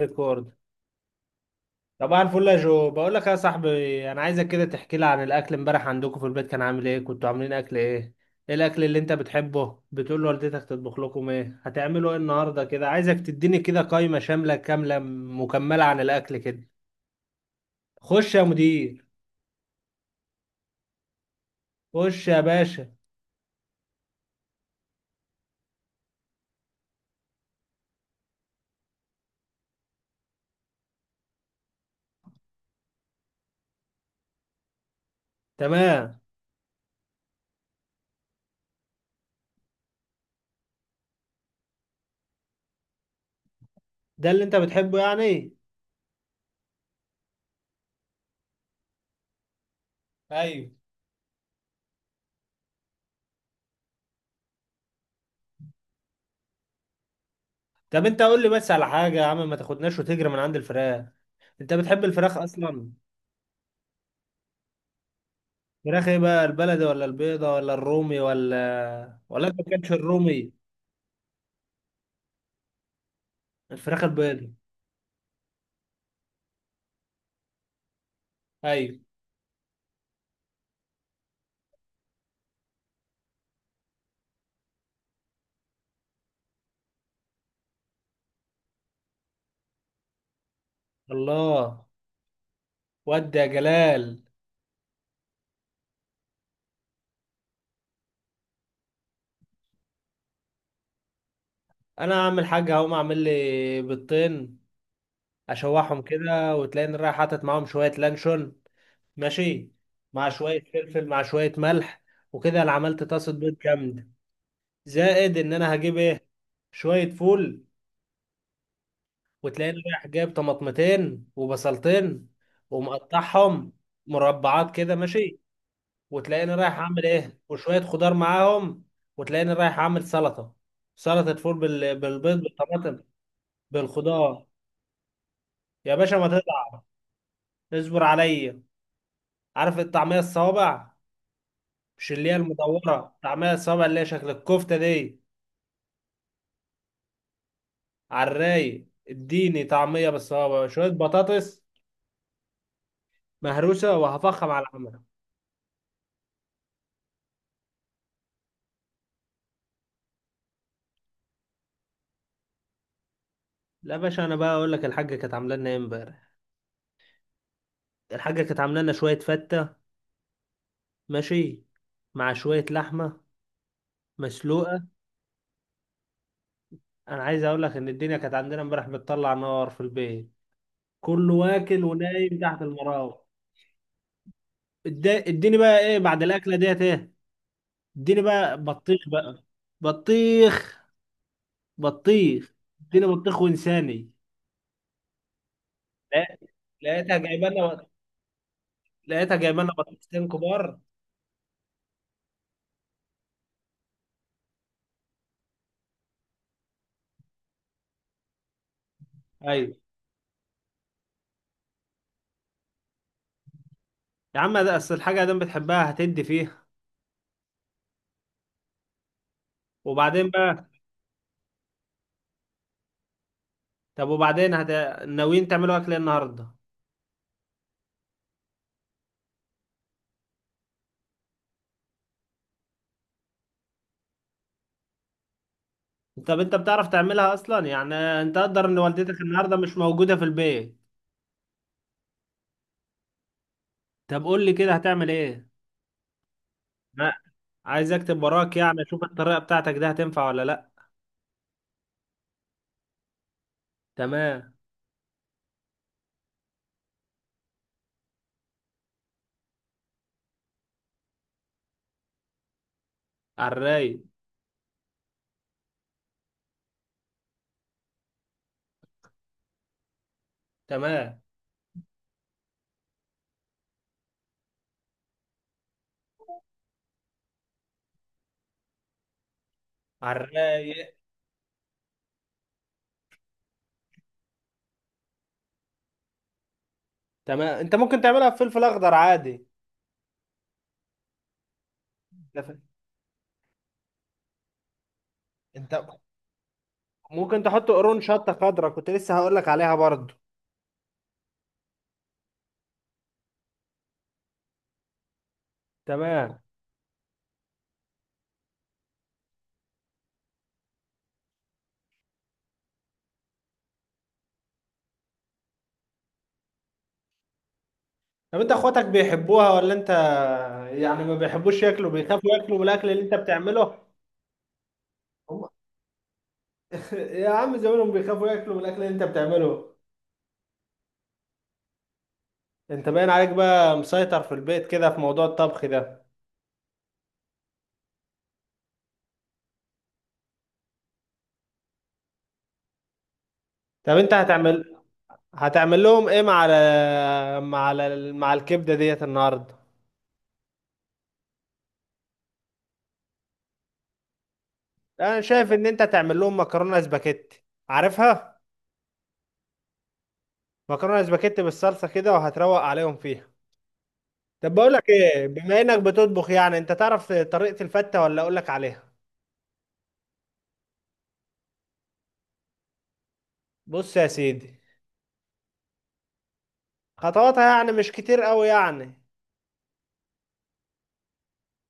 ريكورد. طبعا الفل يا جو، بقول لك يا صاحبي، انا عايزك كده تحكي لي عن الاكل امبارح عندكم في البيت كان عامل ايه، كنتوا عاملين اكل ايه؟ ايه الاكل اللي انت بتحبه؟ بتقول لوالدتك تطبخ لكم ايه؟ هتعملوا ايه النهارده؟ كده عايزك تديني كده قائمة شاملة كاملة مكملة عن الاكل كده. خش يا مدير. خش يا باشا. تمام. ده اللي انت بتحبه يعني؟ ايوه. طب انت قول لي بس على حاجة يا عم، ما تاخدناش وتجري من عند الفراخ. انت بتحب الفراخ اصلا؟ فراخ ايه بقى؟ البلدي ولا البيضة ولا الرومي ولا انت ما كانش الرومي؟ الفراخ البيضة. ايوه. الله. ودي يا جلال. انا هعمل حاجة، هقوم اعمل لي بيضتين، اشوحهم كده وتلاقيني رايح حاطط معاهم شوية لانشون. ماشي. مع شوية فلفل مع شوية ملح. وكده انا عملت طاسة بيض جامدة. زائد ان انا هجيب ايه؟ شوية فول. وتلاقيني رايح جايب طماطمتين وبصلتين ومقطعهم مربعات كده. ماشي. وتلاقيني رايح اعمل ايه؟ وشويه خضار معاهم. وتلاقيني رايح اعمل سلطه، سلطه فول بالبيض بالطماطم بالخضار. يا باشا ما تقطع. اصبر عليا. عارف الطعميه الصوابع؟ مش اللي هي المدوره، طعميه الصوابع اللي هي شكل الكفته دي. على الرايق. اديني طعميه بالصوابع، شويه بطاطس مهروسه، وهفخم على العمل. لا يا باشا، انا بقى اقول لك الحاجه كانت عامله لنا ايه امبارح. الحاجه كانت عامله لنا شويه فته. ماشي. مع شويه لحمه مسلوقه. انا عايز اقول لك ان الدنيا كانت عندنا امبارح بتطلع نار في البيت. كله واكل ونايم تحت المراوح. إد- اديني بقى ايه بعد الاكله ديت ايه؟ اديني بقى بطيخ بقى. بطيخ. بطيخ. اديني بطيخ وانساني. لا. لقيتها جايبه لنا لقيتها جايبه لنا بطيختين كبار. ايوه. يا عم ده اصل الحاجه دام بتحبها هتدي فيها. وبعدين بقى. طب وبعدين ناويين تعملوا اكل إيه النهارده؟ طب انت بتعرف تعملها اصلا يعني؟ انت قدر ان والدتك النهارده مش موجوده في البيت؟ طب قول لي كده هتعمل ايه؟ ما عايز اكتب وراك يعني، اشوف الطريقه بتاعتك دي هتنفع ولا لا. تمام. على الرايق. تمام. على الرايق. تمام. انت ممكن تعملها بفلفل اخضر عادي. انت ف- انت ممكن تحط قرون شطه خضراء، كنت لسه هقول لك عليها برضه. تمام. طب انت اخواتك بيحبوها ولا انت يعني ما بيحبوش ياكلوا، بيخافوا ياكلوا من الاكل اللي انت بتعمله؟ هم- يا عم زمانهم بيخافوا ياكلوا من الاكل اللي انت بتعمله. انت باين عليك بقى مسيطر في البيت كده في موضوع الطبخ ده. طب انت هتعمل لهم ايه مع الكبده ديت النهارده؟ انا شايف ان انت هتعمل لهم مكرونه سباكيتي، عارفها؟ مكرونه سباكيتي بالصلصه كده وهتروق عليهم فيها. طب بقول لك ايه، بما انك بتطبخ يعني انت تعرف طريقه الفته ولا اقول لك عليها؟ بص يا سيدي. خطواتها يعني مش كتير قوي يعني.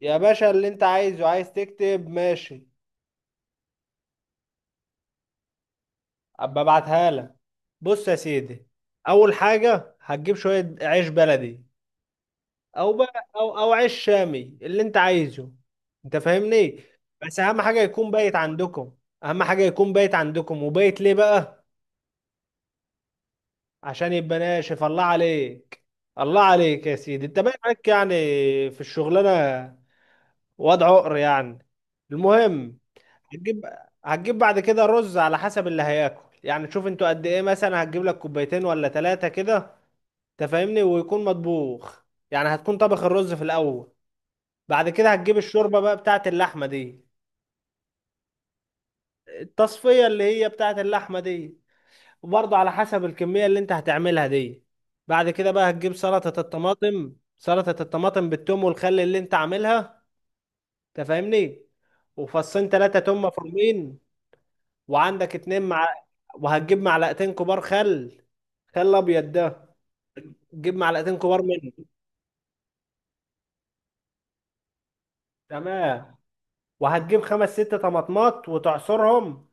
يا باشا اللي انت عايزه، عايز تكتب ماشي. ابقى ابعتها لك. بص يا سيدي. اول حاجه هتجيب شويه عيش بلدي، او بقى او عيش شامي اللي انت عايزه. انت فاهمني؟ بس اهم حاجه يكون بايت عندكم. اهم حاجه يكون بايت عندكم. وبايت ليه بقى؟ عشان يبقى ناشف. الله عليك. الله عليك يا سيدي، انت باين عليك يعني في الشغلانه. وضع عقر يعني. المهم. هتجيب هتجيب بعد كده رز على حسب اللي هياكل يعني، شوف انتوا قد ايه، مثلا هتجيب لك كوبايتين ولا ثلاثه كده. انت فاهمني؟ ويكون مطبوخ، يعني هتكون طبخ الرز في الاول. بعد كده هتجيب الشوربة بقى بتاعت اللحمة دي، التصفية اللي هي بتاعت اللحمة دي. وبرضه على حسب الكمية اللي انت هتعملها دي. بعد كده بقى هتجيب سلطة الطماطم، سلطة الطماطم بالثوم والخل اللي انت عاملها. تفهمني؟ وفصين ثلاثة توم مفرومين، وعندك اتنين مع. وهتجيب معلقتين كبار خل، خل ابيض ده. تجيب معلقتين كبار منه. تمام. وهتجيب خمس ست طماطمات وتعصرهم.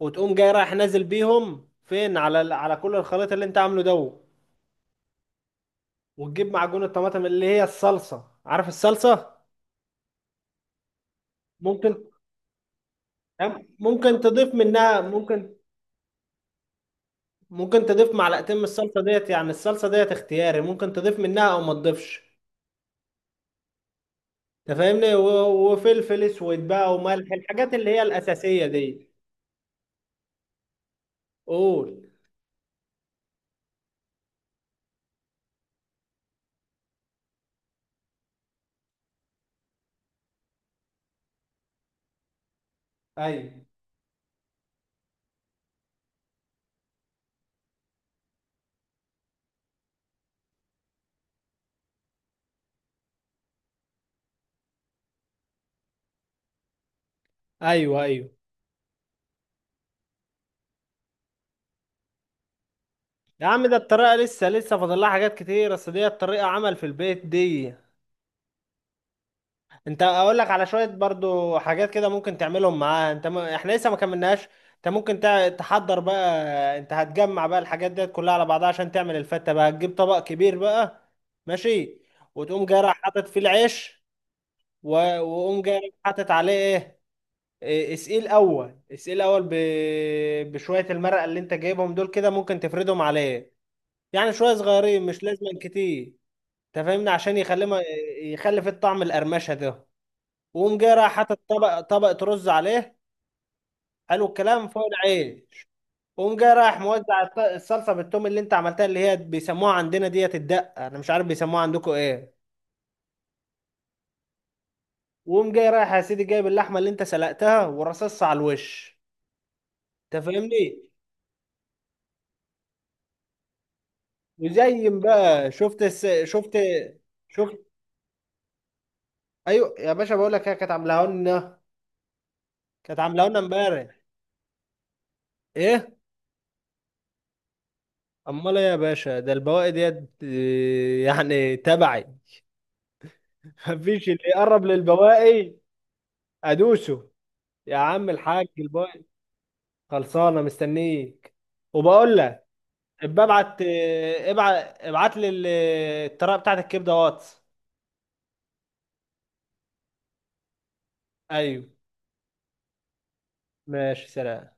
وتقوم جاي رايح نازل بيهم فين على على كل الخليط اللي انت عامله ده. وتجيب معجون الطماطم اللي هي الصلصة، عارف الصلصة؟ ممكن ممكن تضيف منها، ممكن تضيف معلقتين من الصلصة ديت، يعني الصلصة ديت اختياري، ممكن تضيف منها او ما تضيفش. انت فاهمني؟ وفلفل اسود بقى وملح، الحاجات اللي هي الأساسية دي. قول. ايوه. ايوه. ايوه يا عم، ده الطريقة لسه لسه فاضل لها حاجات كتير، اصل ديت طريقة عمل في البيت دي. انت اقول لك على شويه برضو حاجات كده ممكن تعملهم معاها. احنا لسه ما كملناش. انت ممكن تحضر بقى. انت هتجمع بقى الحاجات ديت كلها على بعضها عشان تعمل الفته بقى. هتجيب طبق كبير بقى. ماشي. وتقوم جاي رايح حاطط فيه العيش و... وقوم جاي رايح حاطط عليه ايه إيه، اسئيل اول بشويه المرقه اللي انت جايبهم دول كده، ممكن تفردهم عليه، يعني شويه صغيرين مش لازم كتير. انت فاهمني؟ عشان يخلي ما... يخلي في الطعم القرمشه ده. وقوم جاي رايح حاطط طبق رز عليه. حلو الكلام فوق العيش. وقوم جاي رايح موزع الصلصه بالثوم اللي انت عملتها، اللي هي بيسموها عندنا ديت الدقه، انا مش عارف بيسموها عندكم ايه. وقوم جاي رايح يا سيدي جايب اللحمه اللي انت سلقتها ورصصها على الوش. انت فاهمني؟ وزين بقى، شفت. ايوه يا باشا بقول لك هي كانت عاملاها لنا، كانت عاملاها لنا امبارح. ايه؟ امال ايه يا باشا، ده البواقي ديت يعني تبعي. مفيش اللي يقرب للبواقي. ادوسه. يا عم الحاج الباي. خلصانه مستنيك. وبقول لك ابقى ابعت ابعت ابعت لي الطريقه بتاعت الكبده واتس. ايوه. ماشي. سلام.